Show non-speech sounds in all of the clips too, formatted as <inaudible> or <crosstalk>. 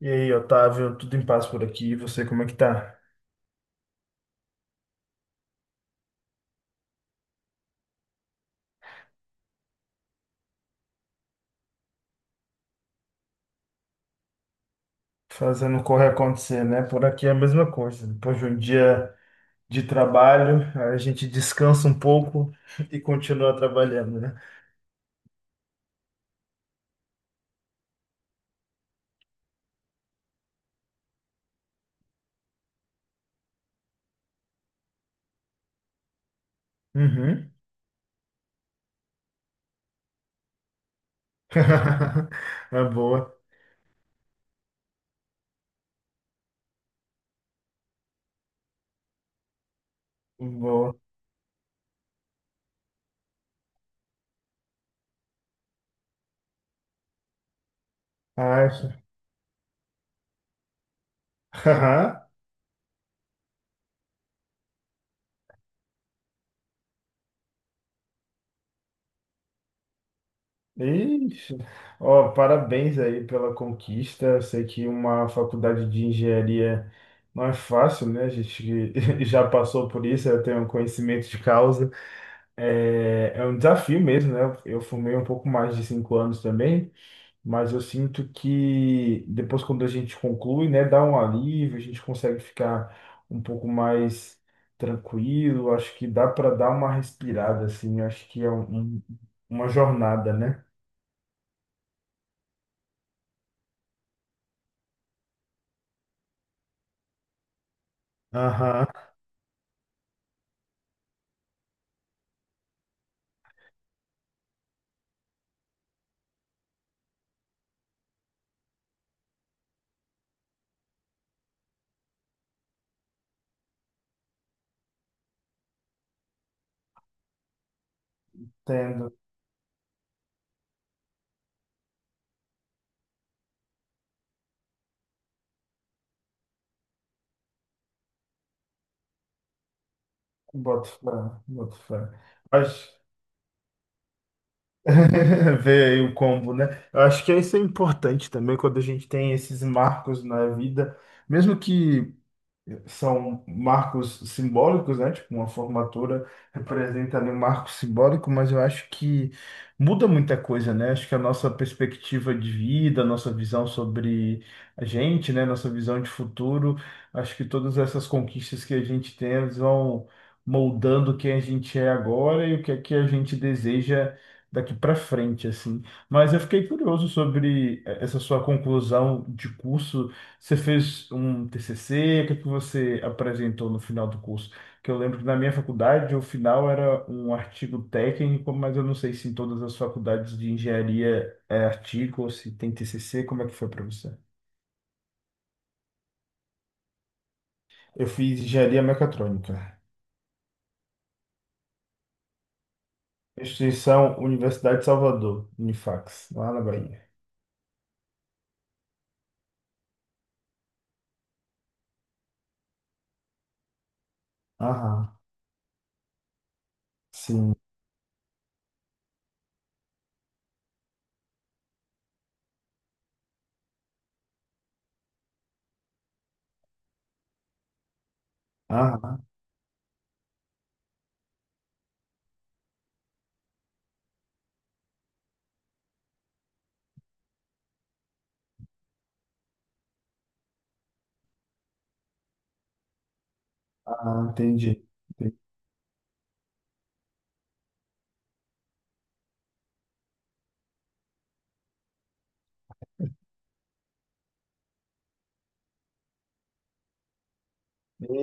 E aí, Otávio, tudo em paz por aqui? E você, como é que tá? Fazendo correr acontecer, né? Por aqui é a mesma coisa. Depois de um dia de trabalho, a gente descansa um pouco <laughs> e continua trabalhando, né? Uhum. <laughs> É boa, boa. Ah, isso. <laughs> Aham. Ixi. Ó, parabéns aí pela conquista. Eu sei que uma faculdade de engenharia não é fácil, né? A gente <laughs> já passou por isso, eu tenho um conhecimento de causa. É um desafio mesmo, né? Eu fumei um pouco mais de 5 anos também, mas eu sinto que depois, quando a gente conclui, né, dá um alívio, a gente consegue ficar um pouco mais tranquilo. Acho que dá para dar uma respirada, assim. Acho que é uma jornada, né? Aham, entendo. Boto fé, boto fé. Acho... <laughs> Vê aí o combo, né? Eu acho que isso é importante também quando a gente tem esses marcos na vida. Mesmo que. são marcos simbólicos, né? Tipo, uma formatura representa ali um marco simbólico, mas eu acho que muda muita coisa, né? Acho que a nossa perspectiva de vida, a nossa visão sobre a gente, né? Nossa visão de futuro, acho que todas essas conquistas que a gente tem, elas vão moldando quem a gente é agora e o que é que a gente deseja daqui para frente, assim. Mas eu fiquei curioso sobre essa sua conclusão de curso. Você fez um TCC? O que que você apresentou no final do curso? Que eu lembro que na minha faculdade o final era um artigo técnico, mas eu não sei se em todas as faculdades de engenharia é artigo ou se tem TCC. Como é que foi para você? Eu fiz engenharia mecatrônica, instituição Universidade de Salvador, Unifax, lá na Bahia. Aham, sim. Aham, aham, entendi. Entendi.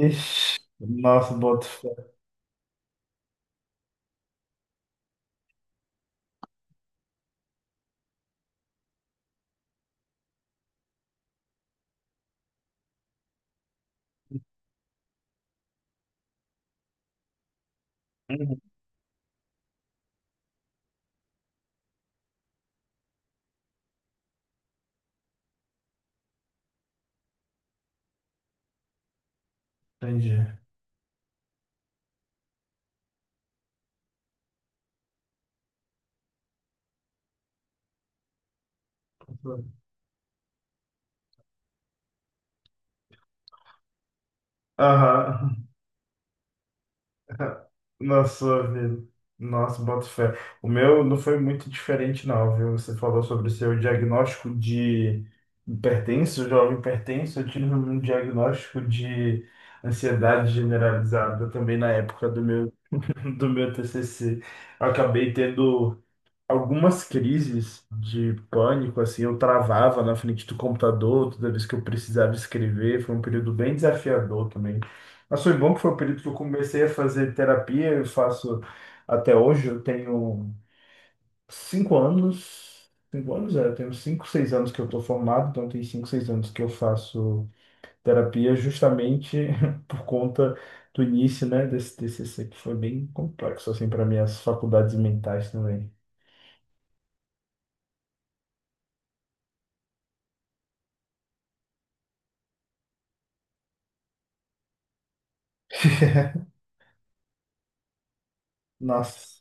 Ixi, nossa, boto fé. Entendi. Aham. Na sua vida. Nossa, bota fé. O meu não foi muito diferente, não, viu? Você falou sobre o seu diagnóstico de hipertenso, jovem hipertenso. Eu tive um diagnóstico de ansiedade generalizada também na época do meu, <laughs> do meu TCC. Eu acabei tendo algumas crises de pânico, assim, eu travava na frente do computador toda vez que eu precisava escrever. Foi um período bem desafiador também. Mas foi bom que foi o período que eu comecei a fazer terapia. Eu faço até hoje, eu tenho 5 anos. 5 anos, eu tenho cinco, seis anos que eu estou formado, então tem cinco, seis anos que eu faço terapia justamente <laughs> por conta do início, né, desse TCC, que foi bem complexo, assim, para minhas faculdades mentais também. <laughs> Nossa,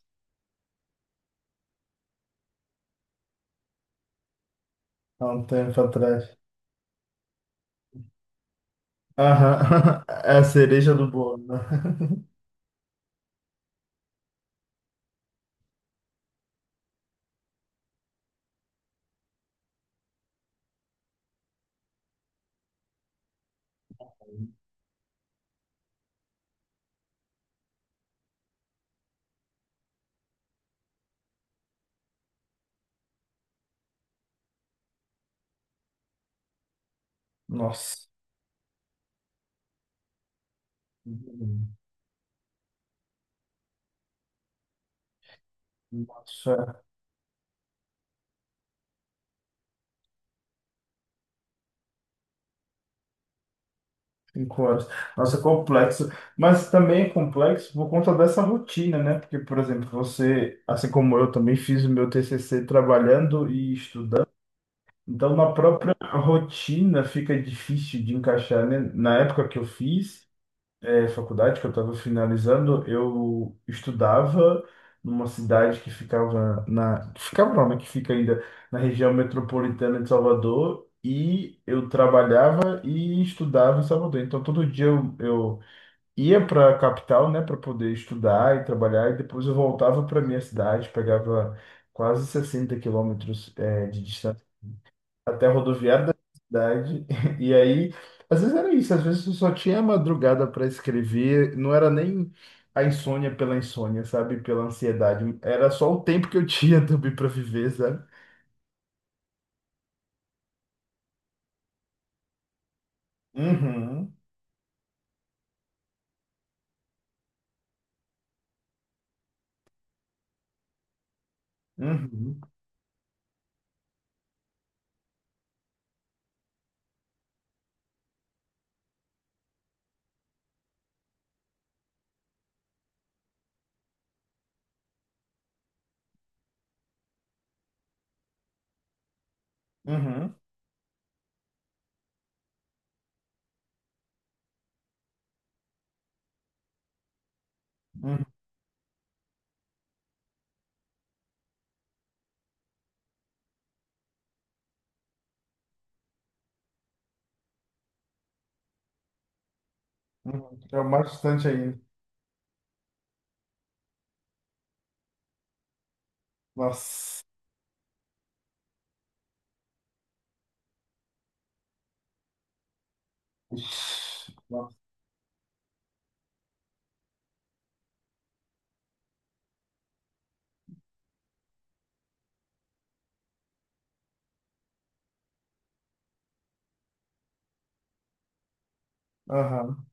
há um tempo atrás. Aham, <laughs> é a cereja do bolo, né? Nossa. Nossa, 5 horas. Nossa, é complexo. Mas também é complexo por conta dessa rotina, né? Porque, por exemplo, você, assim como eu, também fiz o meu TCC trabalhando e estudando. Então, na própria rotina fica difícil de encaixar, né? Na época que eu fiz, faculdade que eu estava finalizando, eu estudava numa cidade que ficava na, que ficava não, né, que fica ainda na região metropolitana de Salvador e eu trabalhava e estudava em Salvador. Então todo dia eu ia para a capital, né, para poder estudar e trabalhar e depois eu voltava para minha cidade, pegava quase 60 quilômetros, de distância até a rodoviária da cidade. <laughs> E aí, às vezes era isso, às vezes eu só tinha a madrugada para escrever, não era nem a insônia pela insônia, sabe? Pela ansiedade. Era só o tempo que eu <laughs> tinha também para viver, sabe? Uhum, uhum, uhum, uhum, uhum. É o mais distante ainda. Nossa. Ixi, nossa. Aham.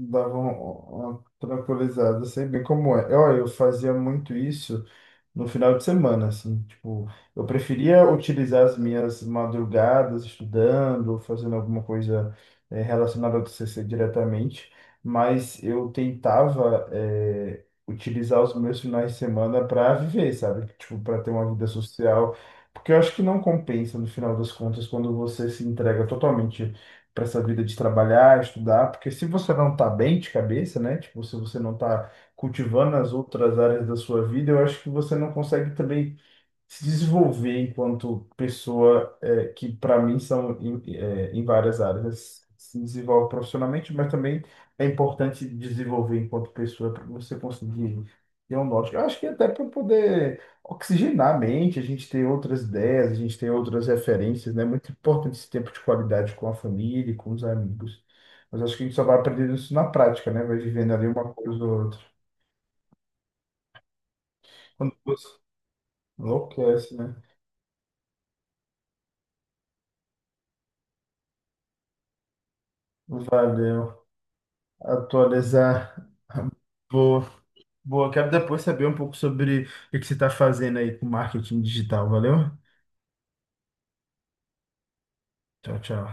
Dava uma tranquilizada, sei bem como é. Olha, eu fazia muito isso. No final de semana, assim, tipo, eu preferia utilizar as minhas madrugadas estudando, fazendo alguma coisa relacionada ao TCC diretamente, mas eu tentava utilizar os meus finais de semana para viver, sabe? Tipo, para ter uma vida social, porque eu acho que não compensa no final das contas quando você se entrega totalmente para essa vida de trabalhar, estudar, porque se você não tá bem de cabeça, né? Tipo, se você não tá cultivando as outras áreas da sua vida, eu acho que você não consegue também se desenvolver enquanto pessoa que para mim são em várias áreas. Se desenvolve profissionalmente, mas também é importante desenvolver enquanto pessoa para você conseguir ter um norte. Eu acho que até para poder oxigenar a mente, a gente ter outras ideias, a gente ter outras referências, né? É muito importante esse tempo de qualidade com a família, e com os amigos. Mas acho que a gente só vai aprendendo isso na prática, né? Vai vivendo ali uma coisa ou outra. Quando você enlouquece, né? Valeu. Atualizar. Boa. Boa. Quero depois saber um pouco sobre o que você está fazendo aí com marketing digital. Valeu? Tchau, tchau.